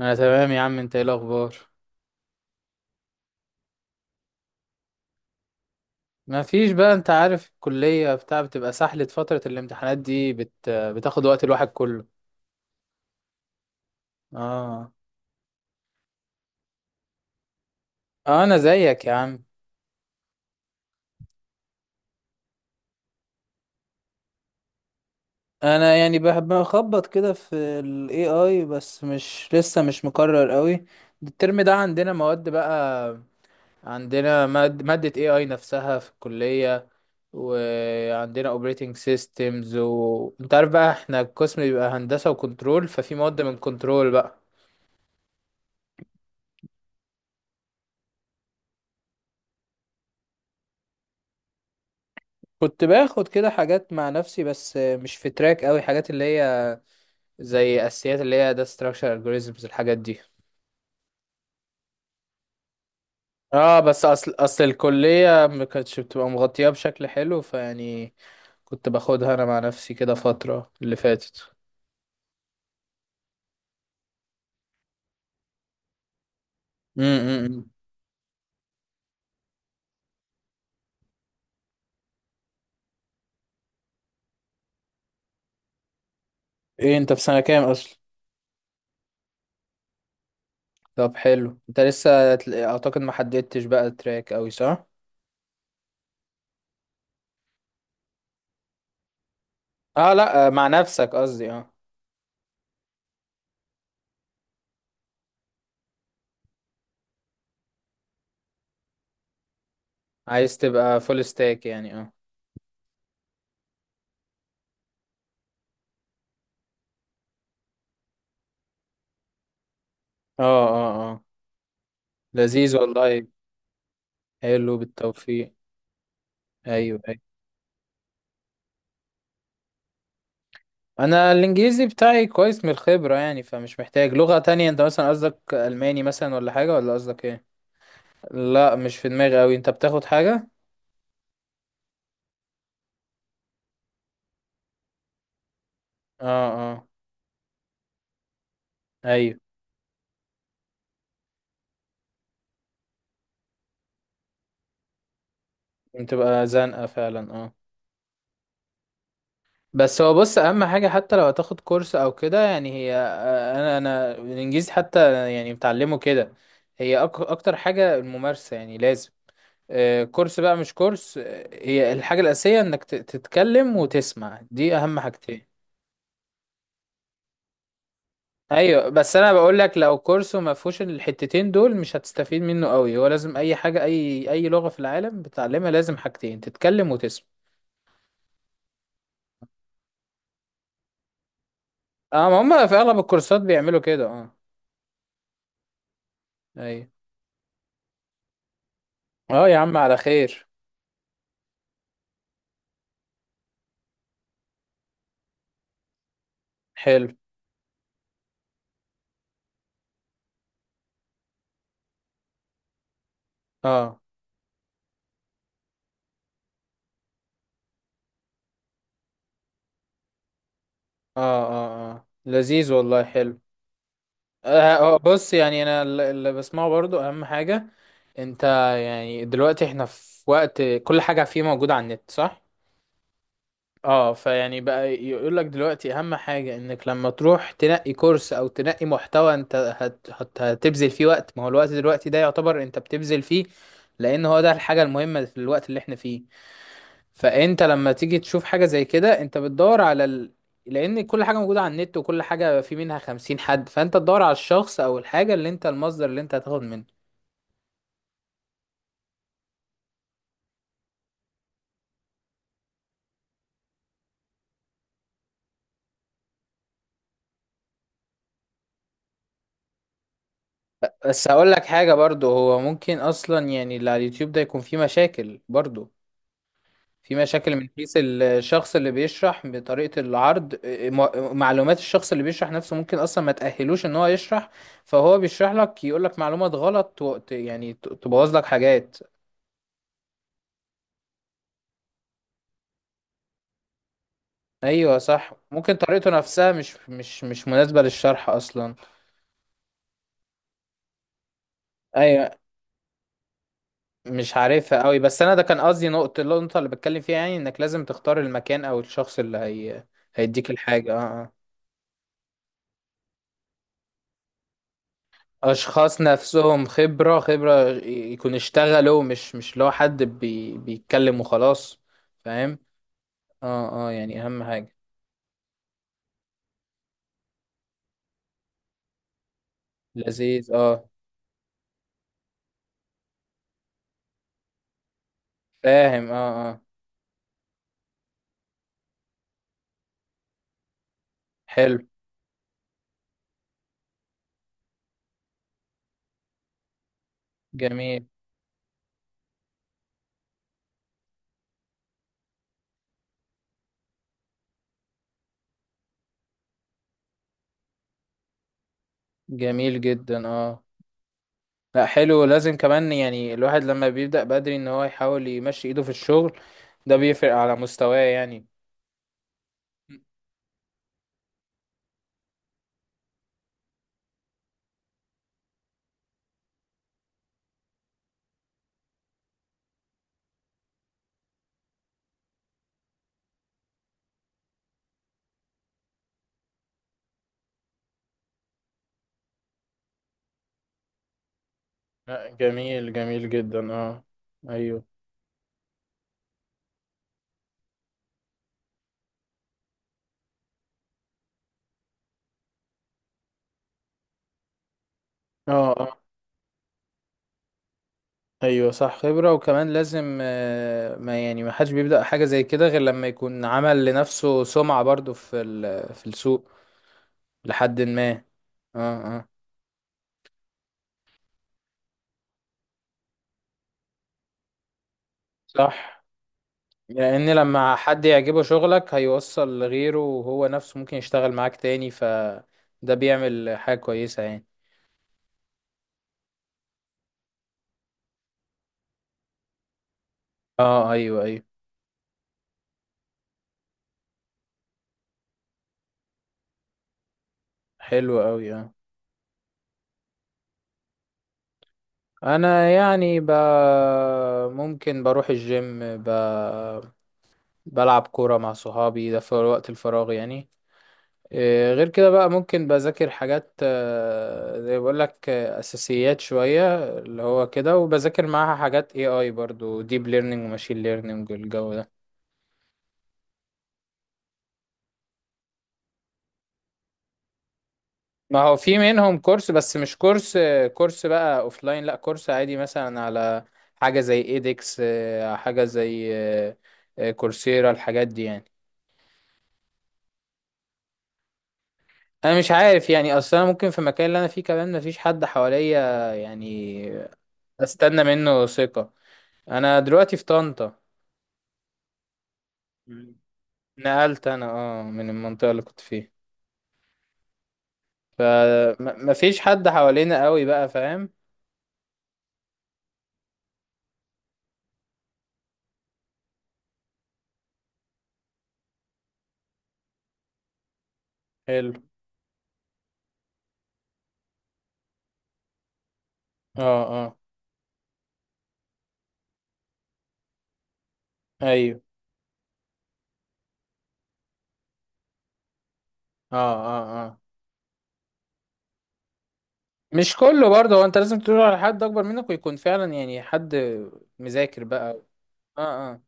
انا تمام يا عم. انت ايه الاخبار؟ ما فيش بقى، انت عارف الكلية بتاع بتبقى سحلة، فترة الامتحانات دي بتاخد وقت الواحد كله. اه. انا زيك يا عم. انا يعني بحب اخبط كده في ال AI، بس مش لسه، مش مقرر قوي. الترم ده عندنا مواد بقى. عندنا مادة AI نفسها في الكلية. وعندنا اوبريتنج سيستمز انت عارف بقى احنا القسم بيبقى هندسة وكنترول، ففي مواد من كنترول بقى. كنت باخد كده حاجات مع نفسي بس مش في تراك قوي، حاجات اللي هي زي اساسيات، اللي هي ده structure algorithms الحاجات دي. اه بس اصل الكلية ما كانتش بتبقى مغطية بشكل حلو، فيعني كنت باخدها انا مع نفسي كده فترة اللي فاتت. امم. ايه انت في سنة كام اصلا؟ طب حلو، انت لسه اعتقد ما حددتش بقى تراك، قوي صح؟ اه لا، مع نفسك قصدي، اه. عايز تبقى فول ستاك يعني، اه اه اه اه، لذيذ والله، حلو، بالتوفيق. ايوه ايوه. انا الانجليزي بتاعي كويس من الخبرة يعني، فمش محتاج لغة تانية. انت مثلا قصدك الماني مثلا ولا حاجة، ولا قصدك ايه؟ لا مش في دماغي اوي. انت بتاخد حاجة؟ اه اه ايوه. بتبقى زنقة فعلا، اه. بس هو بص، اهم حاجة حتى لو هتاخد كورس او كده، يعني هي، انا الانجليزي حتى يعني متعلمه كده. هي اكتر حاجة الممارسة يعني، لازم كورس بقى مش كورس، هي الحاجة الأساسية انك تتكلم وتسمع، دي اهم حاجتين. ايوه بس انا بقول لك لو كورسو ما فيهوش الحتتين دول مش هتستفيد منه قوي. هو لازم اي حاجه، اي اي لغه في العالم بتعلمها لازم حاجتين، تتكلم وتسمع. اه، ما هم في اغلب الكورسات بيعملوا كده، اه. ايوه. اه يا عم على خير. حلو. اه اه اه اه، لذيذ والله، حلو. آه بص يعني انا اللي بسمعه برضو اهم حاجه. انت، يعني دلوقتي احنا في وقت كل حاجه فيه موجوده على النت، صح؟ اه، فيعني بقى يقول لك دلوقتي اهم حاجة انك لما تروح تنقي كورس او تنقي محتوى، انت هت هتبذل فيه وقت. ما هو الوقت دلوقتي ده يعتبر انت بتبذل فيه، لان هو ده الحاجة المهمة في الوقت اللي احنا فيه. فانت لما تيجي تشوف حاجة زي كده انت بتدور على لان كل حاجة موجودة على النت، وكل حاجة في منها خمسين حد، فانت تدور على الشخص او الحاجة اللي انت، المصدر اللي انت هتاخد منه. بس هقول لك حاجة برضو، هو ممكن اصلا يعني اللي على اليوتيوب ده يكون فيه مشاكل برضو. في مشاكل من حيث الشخص اللي بيشرح بطريقة العرض، معلومات الشخص اللي بيشرح نفسه ممكن أصلا ما تأهلوش إن هو يشرح. فهو بيشرح لك، يقول لك معلومات غلط يعني تبوظ لك حاجات. أيوة صح، ممكن طريقته نفسها مش مناسبة للشرح أصلا. أيوة، مش عارفها أوي بس أنا ده كان قصدي، نقطة النقطة اللي بتكلم فيها يعني، إنك لازم تختار المكان أو الشخص اللي هي هيديك الحاجة، اه آه. اشخاص نفسهم خبرة يكون اشتغلوا، مش لو حد بيتكلم وخلاص. فاهم. اه اه يعني اهم حاجة. لذيذ اه. فاهم اه اه حلو. جميل جميل جدا، اه. لا حلو، لازم كمان يعني الواحد لما بيبدأ بدري ان هو يحاول يمشي ايده في الشغل، ده بيفرق على مستواه يعني. لا، جميل جميل جدا اه. ايوه اه. ايوه صح، خبرة. وكمان لازم ما يعني ما حدش بيبدأ حاجة زي كده غير لما يكون عمل لنفسه سمعة برضو في في السوق، لحد ما. اه اه صح. لان لما حد يعجبه شغلك هيوصل لغيره، وهو نفسه ممكن يشتغل معاك تاني، فده بيعمل حاجة كويسة يعني. اه ايوه ايوه. حلو قوي اه. انا يعني ممكن بروح الجيم، بلعب كورة مع صحابي ده في وقت الفراغ يعني. إيه، غير كده بقى ممكن بذاكر حاجات زي بقول لك اساسيات شويه اللي هو كده، وبذاكر معاها حاجات اي اي برضو، ديب ليرنينج وماشين ليرنينج والجو ده. ما هو في منهم كورس، بس مش كورس كورس بقى اوفلاين، لا كورس عادي مثلا على حاجه زي ايدكس، حاجه زي كورسيرا، الحاجات دي يعني. انا مش عارف يعني اصلا، ممكن في المكان اللي انا فيه كمان مفيش حد حواليا يعني. استنى منه ثقه. انا دلوقتي في طنطا. نقلت انا اه من المنطقة اللي كنت فيها. فما فيش حد حوالينا قوي بقى، فاهم. حلو اه اه ايوه اه اه اه. مش كله برضه، هو انت لازم تدور على حد اكبر منك ويكون فعلا يعني حد مذاكر بقى. اه اه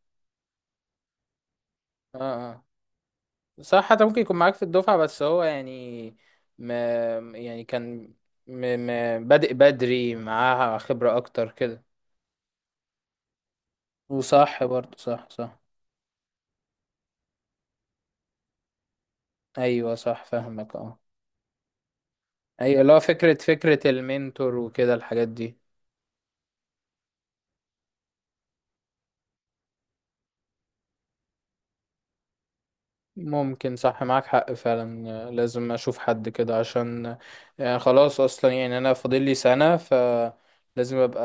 اه اه صح، حتى ممكن يكون معاك في الدفعة، بس هو يعني، ما، يعني كان، ما بادئ بدري معاها خبرة اكتر كده. وصح برضه، صح صح. ايوه صح، فاهمك اه. ايوه اللي هو فكرة، فكرة المنتور وكده الحاجات دي. ممكن صح، معاك حق فعلا، لازم اشوف حد كده عشان يعني خلاص، اصلا يعني انا فاضل لي سنة، فلازم ابقى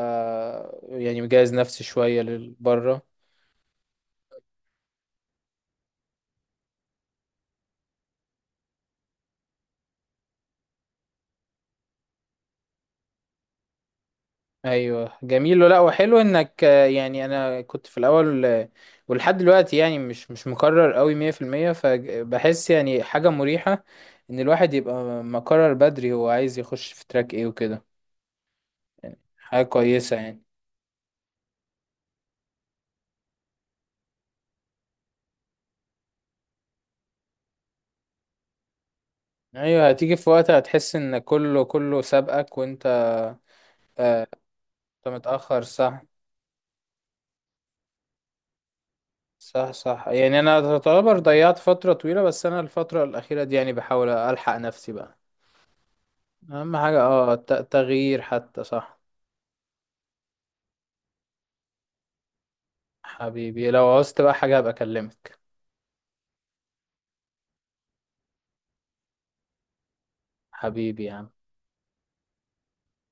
يعني مجهز نفسي شوية للبره. ايوه جميل. لا وحلو انك يعني انا كنت في الاول ولحد دلوقتي يعني مش مقرر قوي 100%. فبحس يعني حاجة مريحة ان الواحد يبقى مقرر بدري هو عايز يخش في تراك ايه وكده، يعني حاجة كويسة يعني. ايوه هتيجي في وقت هتحس ان كله سابقك وانت، آه، انت متأخر، صح. صح صح، يعني انا تعتبر ضيعت فترة طويلة، بس انا الفترة الأخيرة دي يعني بحاول الحق نفسي بقى. اهم حاجة اه تغيير حتى، صح. حبيبي لو عوزت بقى حاجة هبقى اكلمك. حبيبي يا عم.